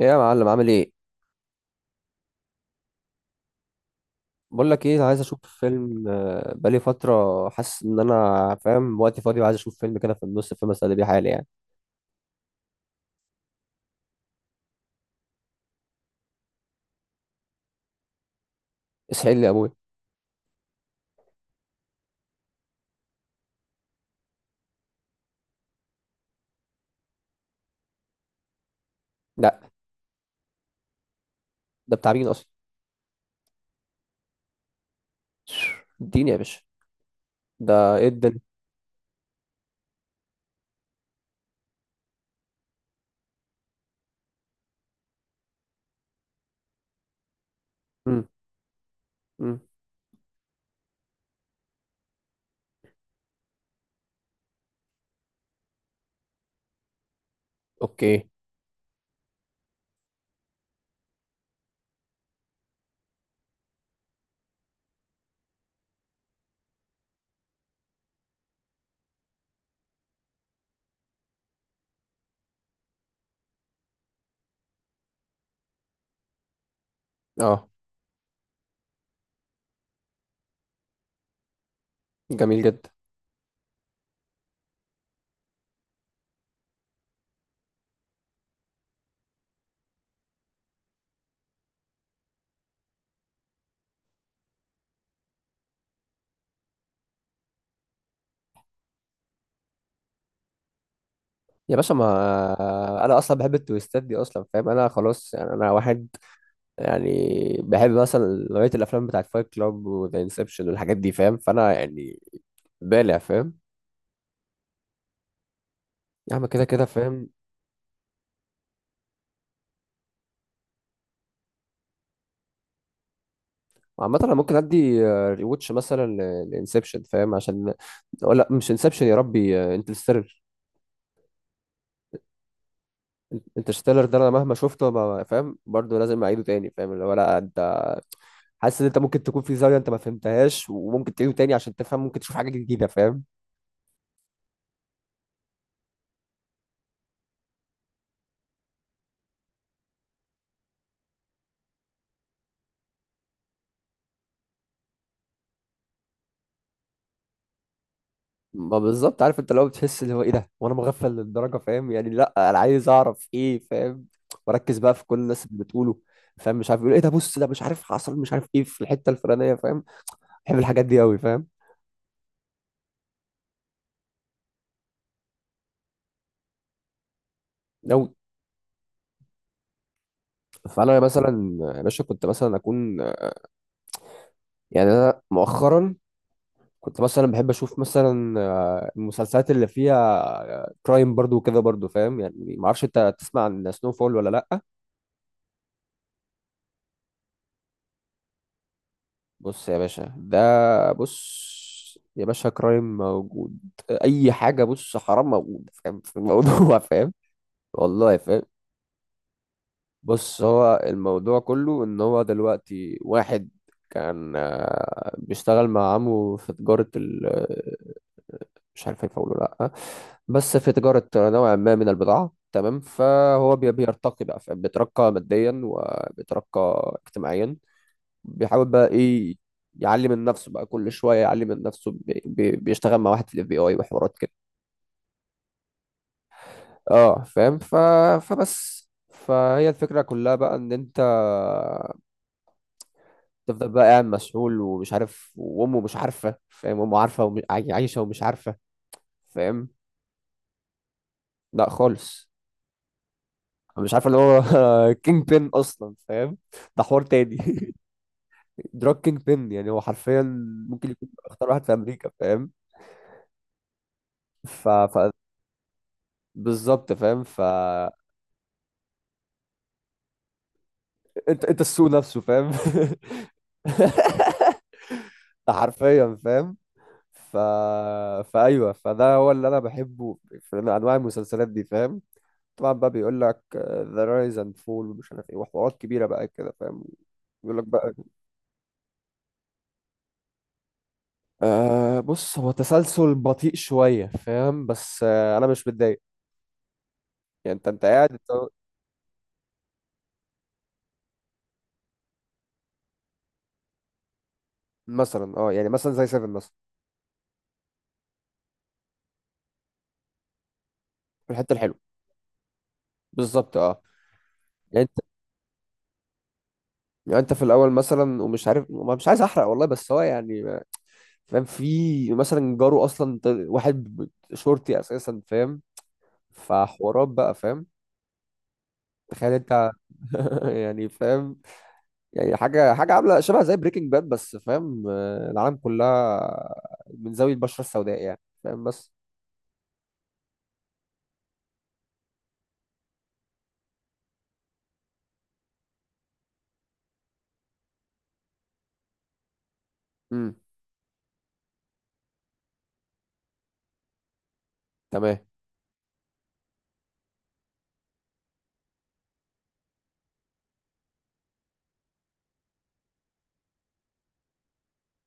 ايه يا معلم عامل ايه؟ بقول لك ايه، عايز اشوف فيلم، بقالي فتره حاسس ان انا فاهم وقتي فاضي وعايز اشوف فيلم كده في النص، فيلم اسلي بيه حالي يعني. اسحل لي يا ابويا. لا. ده بتاع مين اصلا؟ اديني يا باشا، ده ايه الدنيا؟ امم امم اوكي. اه جميل جدا. يا باشا، ما انا اصلا بحب التويستات دي اصلا، فاهم؟ انا خلاص يعني، انا واحد يعني بحب مثلا نوعيه الافلام بتاعت فايت كلاب وذا انسبشن والحاجات دي، فاهم؟ فانا يعني بالع، فاهم؟ يا عم كده كده فاهم. عامة انا ممكن ادي ريوتش مثلا لانسبشن، فاهم؟ عشان أو لا، مش انسبشن، يا ربي، انترستيلر. انترستيلر ده انا مهما شفته ما فاهم برضه، لازم اعيده تاني، فاهم؟ اللي هو لا انت حاسس ان انت ممكن تكون في زاوية انت ما فهمتهاش، وممكن تعيده تاني عشان تفهم، ممكن تشوف حاجة جديدة، فاهم؟ ما بالظبط، عارف انت لو بتحس اللي هو ايه ده وانا مغفل للدرجة، فاهم؟ يعني لا انا عايز اعرف ايه، فاهم؟ واركز بقى في كل الناس اللي بتقوله، فاهم؟ مش عارف يقول ايه، ده بص ده مش عارف حصل، مش عارف ايه في الحتة الفلانية، فاهم؟ بحب الحاجات دي قوي، فاهم؟ لو، فانا مثلا، يا باشا كنت مثلا اكون يعني. انا مؤخرا كنت مثلا بحب اشوف مثلا المسلسلات اللي فيها كرايم برضو وكده برضو، فاهم؟ يعني ما اعرفش انت تسمع عن سنو فول ولا لا. بص يا باشا، ده بص يا باشا، كرايم موجود، اي حاجه، بص حرام موجود، فاهم؟ في الموضوع فاهم؟ والله فاهم. بص هو الموضوع كله ان هو دلوقتي واحد كان بيشتغل مع عمه في مش عارف هينفع اقوله لا، بس في تجاره نوع ما من البضاعه، تمام؟ فهو بيرتقي بقى، بيترقى ماديا وبيترقى اجتماعيا. بيحاول بقى ايه، يعلي من نفسه بقى، كل شويه يعلي من نفسه، بيشتغل مع واحد في الاف بي اي وحوارات كده. اه فاهم. فبس فهي الفكره كلها بقى ان انت تفضل بقى قاعد مسحول ومش عارف، وامه مش عارفه، فاهم؟ امه عارفه ومش عايشه ومش عارفه، فاهم؟ لا خالص. مش عارف اللي هو كينج بين اصلا، فاهم؟ ده حوار تاني دراج كينج بين يعني، هو حرفيا ممكن يكون اخطر واحد في امريكا، فاهم؟ ف, ف... بالظبط فاهم. ف انت انت السوق نفسه، فاهم؟ ده حرفيا، فاهم؟ ف... فايوه، فده هو اللي انا بحبه في انواع المسلسلات دي، فاهم؟ طبعا بقى بيقول لك ذا رايز اند فول، ومش عارف ايه، وحوارات كبيره بقى كده، فاهم؟ يقول لك بقى. أه بص، هو تسلسل بطيء شوية، فاهم؟ بس أه، أنا مش متضايق. يعني أنت قاعد أنت. مثلا أه، يعني مثلا زي سيفن مثلا. في الحتة الحلوة. بالظبط أه. يعني أنت، يعني أنت في الأول مثلا ومش عارف، مش عايز أحرق والله، بس هو يعني فاهم؟ في مثلا جاره أصلا، واحد شرطي أساسا، فاهم؟ فحوارات بقى، فاهم؟ تخيل أنت يعني فاهم. يعني حاجة عاملة شبه زي بريكنج باد بس، فاهم؟ العالم كلها من زاوية البشرة السوداء يعني، فاهم؟ بس مم. تمام.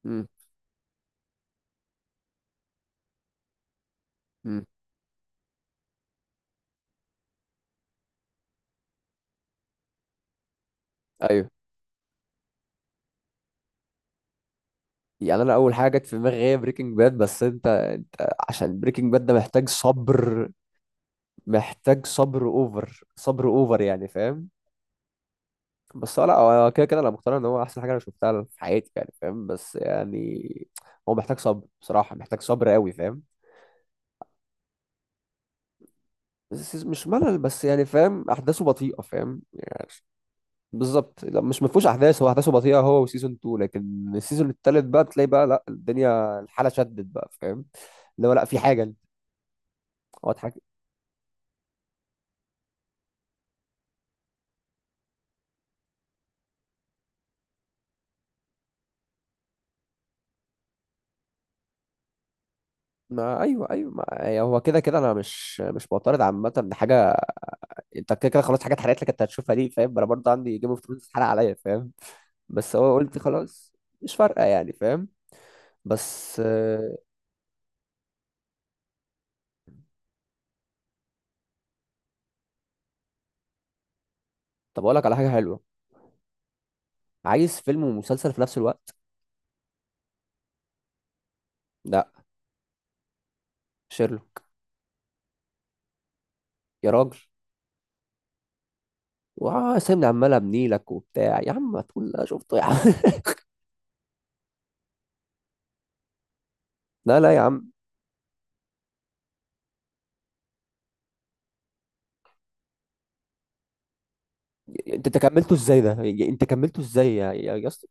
امم امم ايوه. يعني انا اول حاجه جت في دماغي هي بريكنج باد، بس انت عشان بريكنج باد ده محتاج صبر. محتاج صبر اوفر، صبر اوفر يعني، فاهم؟ بس هو لا، هو كده كده انا مقتنع ان هو احسن حاجه انا شفتها في حياتي يعني، فاهم؟ بس يعني هو محتاج صبر بصراحه، محتاج صبر قوي، فاهم؟ بس مش ملل، بس يعني فاهم احداثه بطيئه، فاهم يعني؟ بالظبط، لا مش مفهوش احداث، هو احداثه بطيئه هو وسيزون 2، لكن السيزون الثالث بقى تلاقي بقى لا، الدنيا الحاله شدت بقى، فاهم؟ اللي هو لا، في حاجه واضحه ما ايوه ايوه، ما يعني هو كده كده انا مش معترض عامه ان حاجه. انت كده كده خلاص، حاجات اتحرقت لك انت هتشوفها دي، فاهم؟ انا برضه عندي جيم اوف ثرونز اتحرق عليا، فاهم؟ بس هو قلت خلاص، مش فارقه يعني، فاهم؟ بس طب اقول لك على حاجه حلوه. عايز فيلم ومسلسل في نفس الوقت. لا. شيرلو. يا راجل وسامي عمال ابني لك وبتاع، يا عم ما تقول لا شفته يا عم لا لا يا عم. انت كملته ازاي ده انت كملته ازاي يا اسطى؟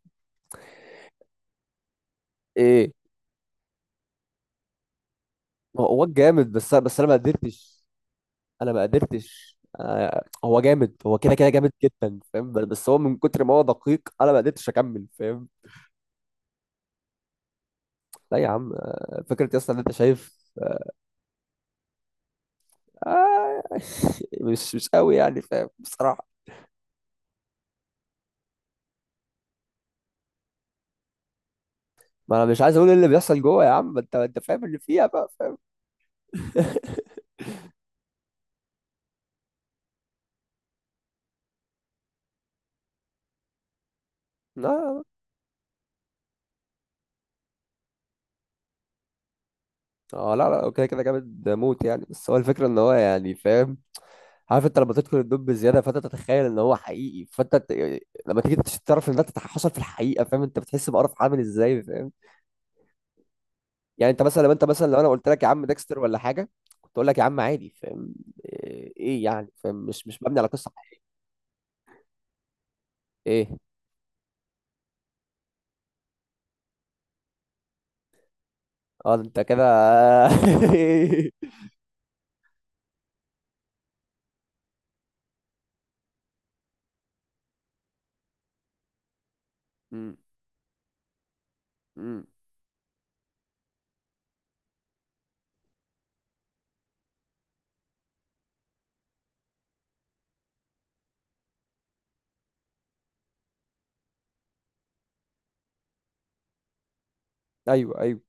ايه؟ هو جامد بس، انا ما قدرتش. انا ما قدرتش. هو جامد، هو كده كده جامد جدا، فاهم؟ بس هو من كتر ما هو دقيق انا ما قدرتش اكمل، فاهم؟ لا يا عم، فكره يا اسطى ان انت شايف. آه، مش قوي يعني، فاهم؟ بصراحه. ما انا مش عايز اقول ايه اللي بيحصل جوه يا عم، ما انت فاهم اللي فيها بقى، فاهم؟ لا لا لا. اه لا لا، هو كده كده جامد موت يعني، بس هو الفكره ان هو يعني، فاهم؟ عارف انت لما تدخل الدب بزياده، فانت تتخيل ان هو حقيقي، لما تيجي تعرف ان ده حصل في الحقيقه، فاهم؟ انت بتحس بقرف عامل ازاي، فاهم؟ يعني انت مثلا، لو انا قلت لك يا عم ديكستر ولا حاجه، كنت اقول لك يا عم عادي، فاهم؟ ايه إيه يعني، فاهم؟ مش مش مبني على قصه حقيقية. ايه؟ اه ده انت كده م- م. ايوه ايوه،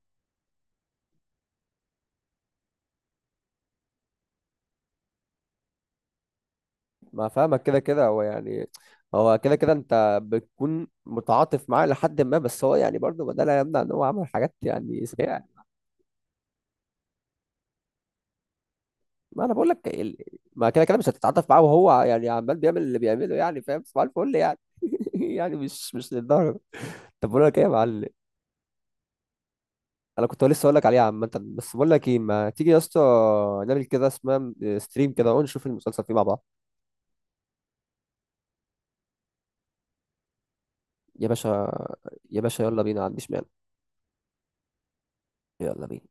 ما فاهمك. كده كده هو يعني، هو كده كده انت بتكون متعاطف معاه لحد ما، بس هو يعني برضه ده لا يمنع ان هو عمل حاجات يعني سيئه. ما انا بقول لك ال- ما كده كده مش هتتعاطف معاه، وهو يعني عمال بيعمل اللي بيعمله يعني، فاهم؟ صباح الفل يعني يعني مش للدرجه. طب بقول لك ايه يا معلم، انا كنت لسه اقول لك عليها عامه. بس بقول لك ايه، ما تيجي يا اسطى نعمل كده، اسمها ستريم كده، ونشوف المسلسل فيه مع بعض؟ يا باشا. يا باشا يلا بينا، ما عنديش مانع. يلا بينا.